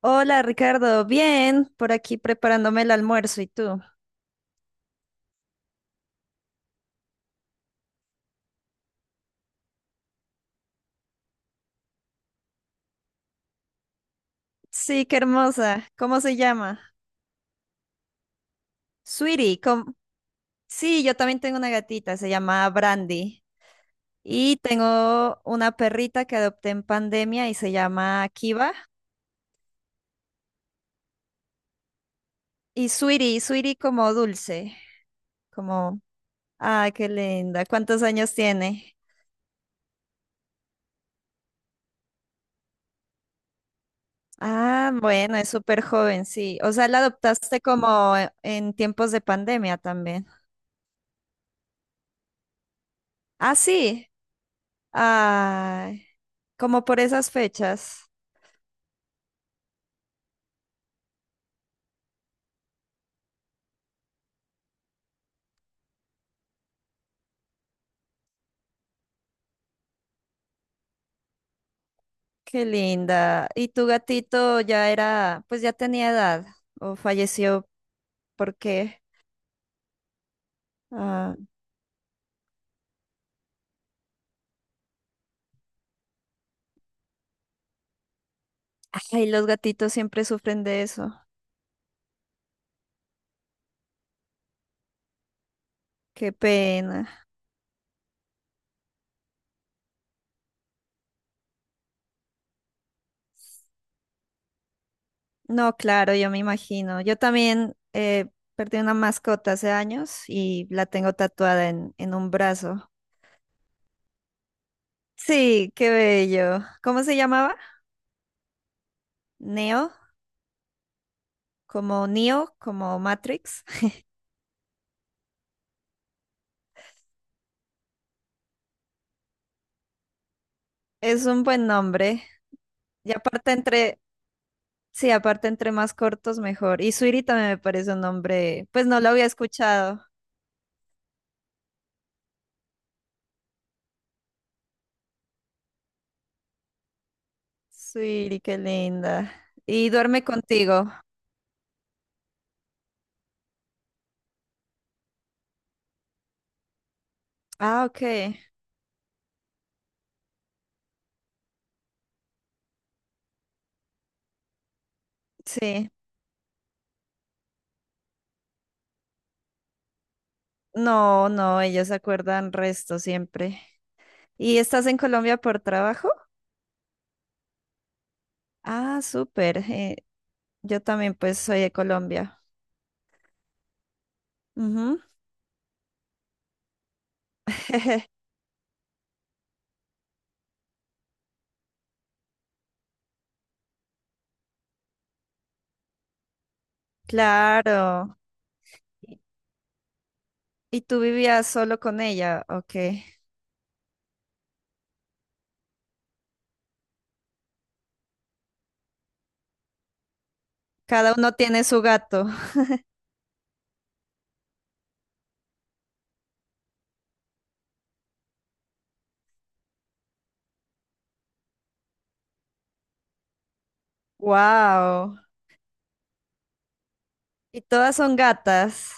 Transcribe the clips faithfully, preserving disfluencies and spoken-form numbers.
Hola Ricardo, bien, por aquí preparándome el almuerzo, ¿y tú? Sí, qué hermosa, ¿cómo se llama? Sweetie, ¿cómo- sí, yo también tengo una gatita, se llama Brandy, y tengo una perrita que adopté en pandemia y se llama Kiva, y Sweetie, Sweetie como dulce, como, ah, qué linda, ¿cuántos años tiene? Ah, bueno, es súper joven, sí, o sea, la adoptaste como en tiempos de pandemia también. Ah, sí. Ay, como por esas fechas. Qué linda. ¿Y tu gatito ya era, pues ya tenía edad o falleció? ¿Por qué? Ah, ay, los gatitos siempre sufren de eso. Qué pena. No, claro, yo me imagino. Yo también eh, perdí una mascota hace años y la tengo tatuada en, en un brazo. Sí, qué bello. ¿Cómo se llamaba? Neo, como Neo, como Matrix. Es un buen nombre. Y aparte entre, sí, aparte entre más cortos mejor. Y Suiri también me parece un nombre, pues no lo había escuchado. Suiri, qué linda. Y duerme contigo. Ah, ok. Sí. No, no, ellos se acuerdan resto siempre. ¿Y estás en Colombia por trabajo? Ah, súper. Eh, yo también pues soy de Colombia. Ujú. Claro. ¿Y y tú vivías solo con ella? Ok. Cada uno tiene su gato. Wow. Y todas son gatas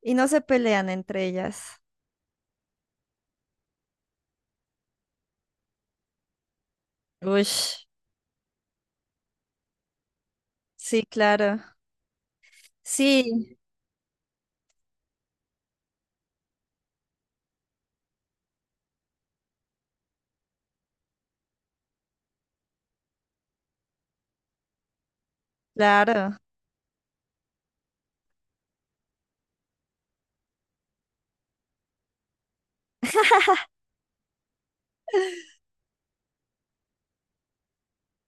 y no se pelean entre ellas. Uy, sí, claro. Sí, claro.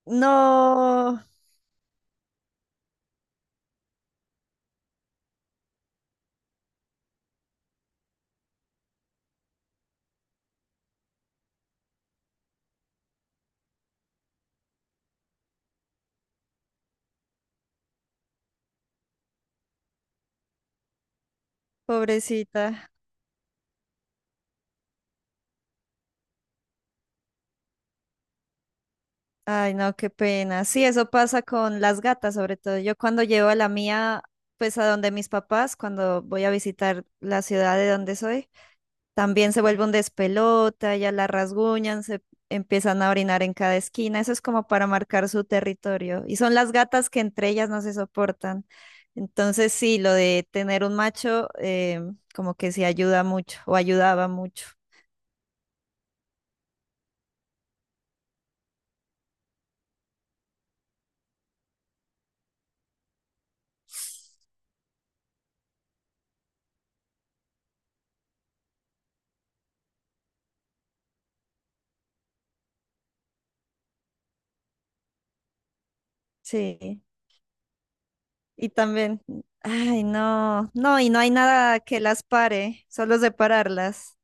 No, pobrecita. Ay, no, qué pena. Sí, eso pasa con las gatas, sobre todo. Yo cuando llevo a la mía, pues a donde mis papás, cuando voy a visitar la ciudad de donde soy. También se vuelve un despelota, ya la rasguñan, se empiezan a orinar en cada esquina. Eso es como para marcar su territorio. Y son las gatas que entre ellas no se soportan. Entonces sí, lo de tener un macho eh, como que sí ayuda mucho o ayudaba mucho. Sí. Y también, ay, no, no, y no hay nada que las pare, solo separarlas.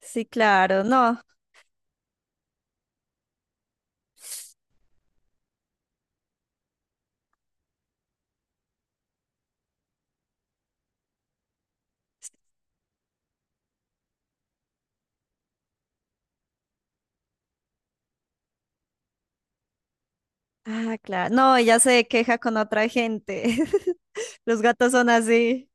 Sí, claro, no. Ah, claro. No, ella se queja con otra gente. Los gatos son así.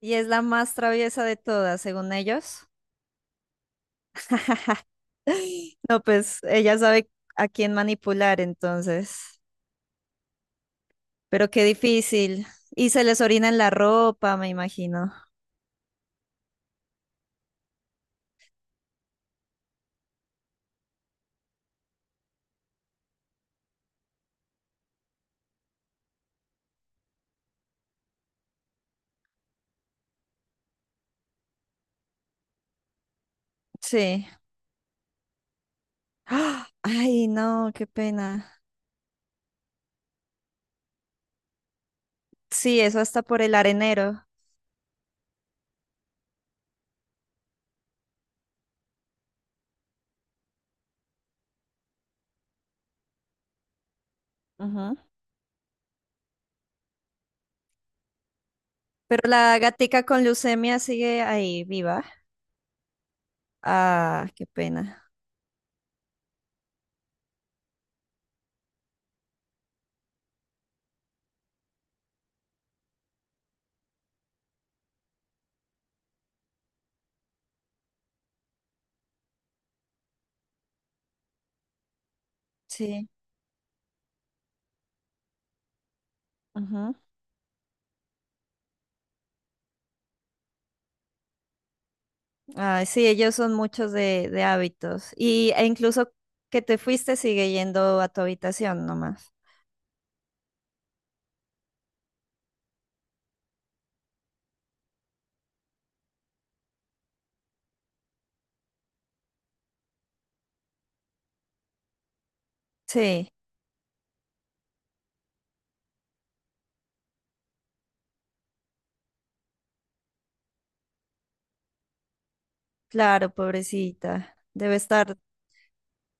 Y es la más traviesa de todas, según ellos. No, pues ella sabe a quién manipular, entonces. Pero qué difícil. Y se les orina en la ropa, me imagino. Sí. ¡Ah! Ay, no, qué pena. Sí, eso hasta por el arenero. Ujú. Pero la gatica con leucemia sigue ahí viva. Ah, qué pena. Sí. Ujú. Ay, sí, ellos son muchos de, de hábitos. Y, e incluso que te fuiste sigue yendo a tu habitación nomás. Sí, claro, pobrecita. Debe estar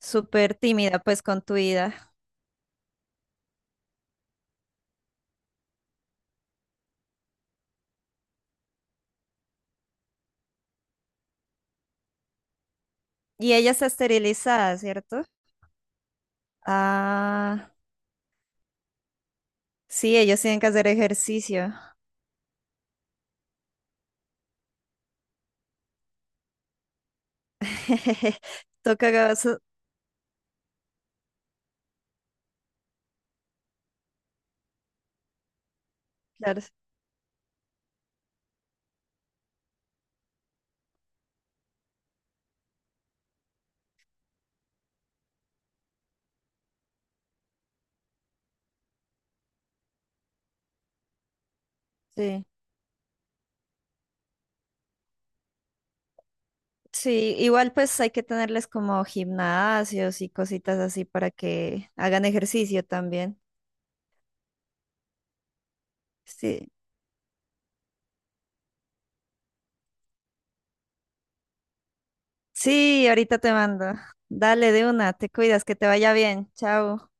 súper tímida pues con tu vida. Y ella está esterilizada, ¿cierto? Ah, sí, ellos tienen que hacer ejercicio. Toca, que vas a- claro, sí. Sí, igual pues hay que tenerles como gimnasios y cositas así para que hagan ejercicio también. Sí, sí, ahorita te mando. Dale de una, te cuidas, que te vaya bien. Chao.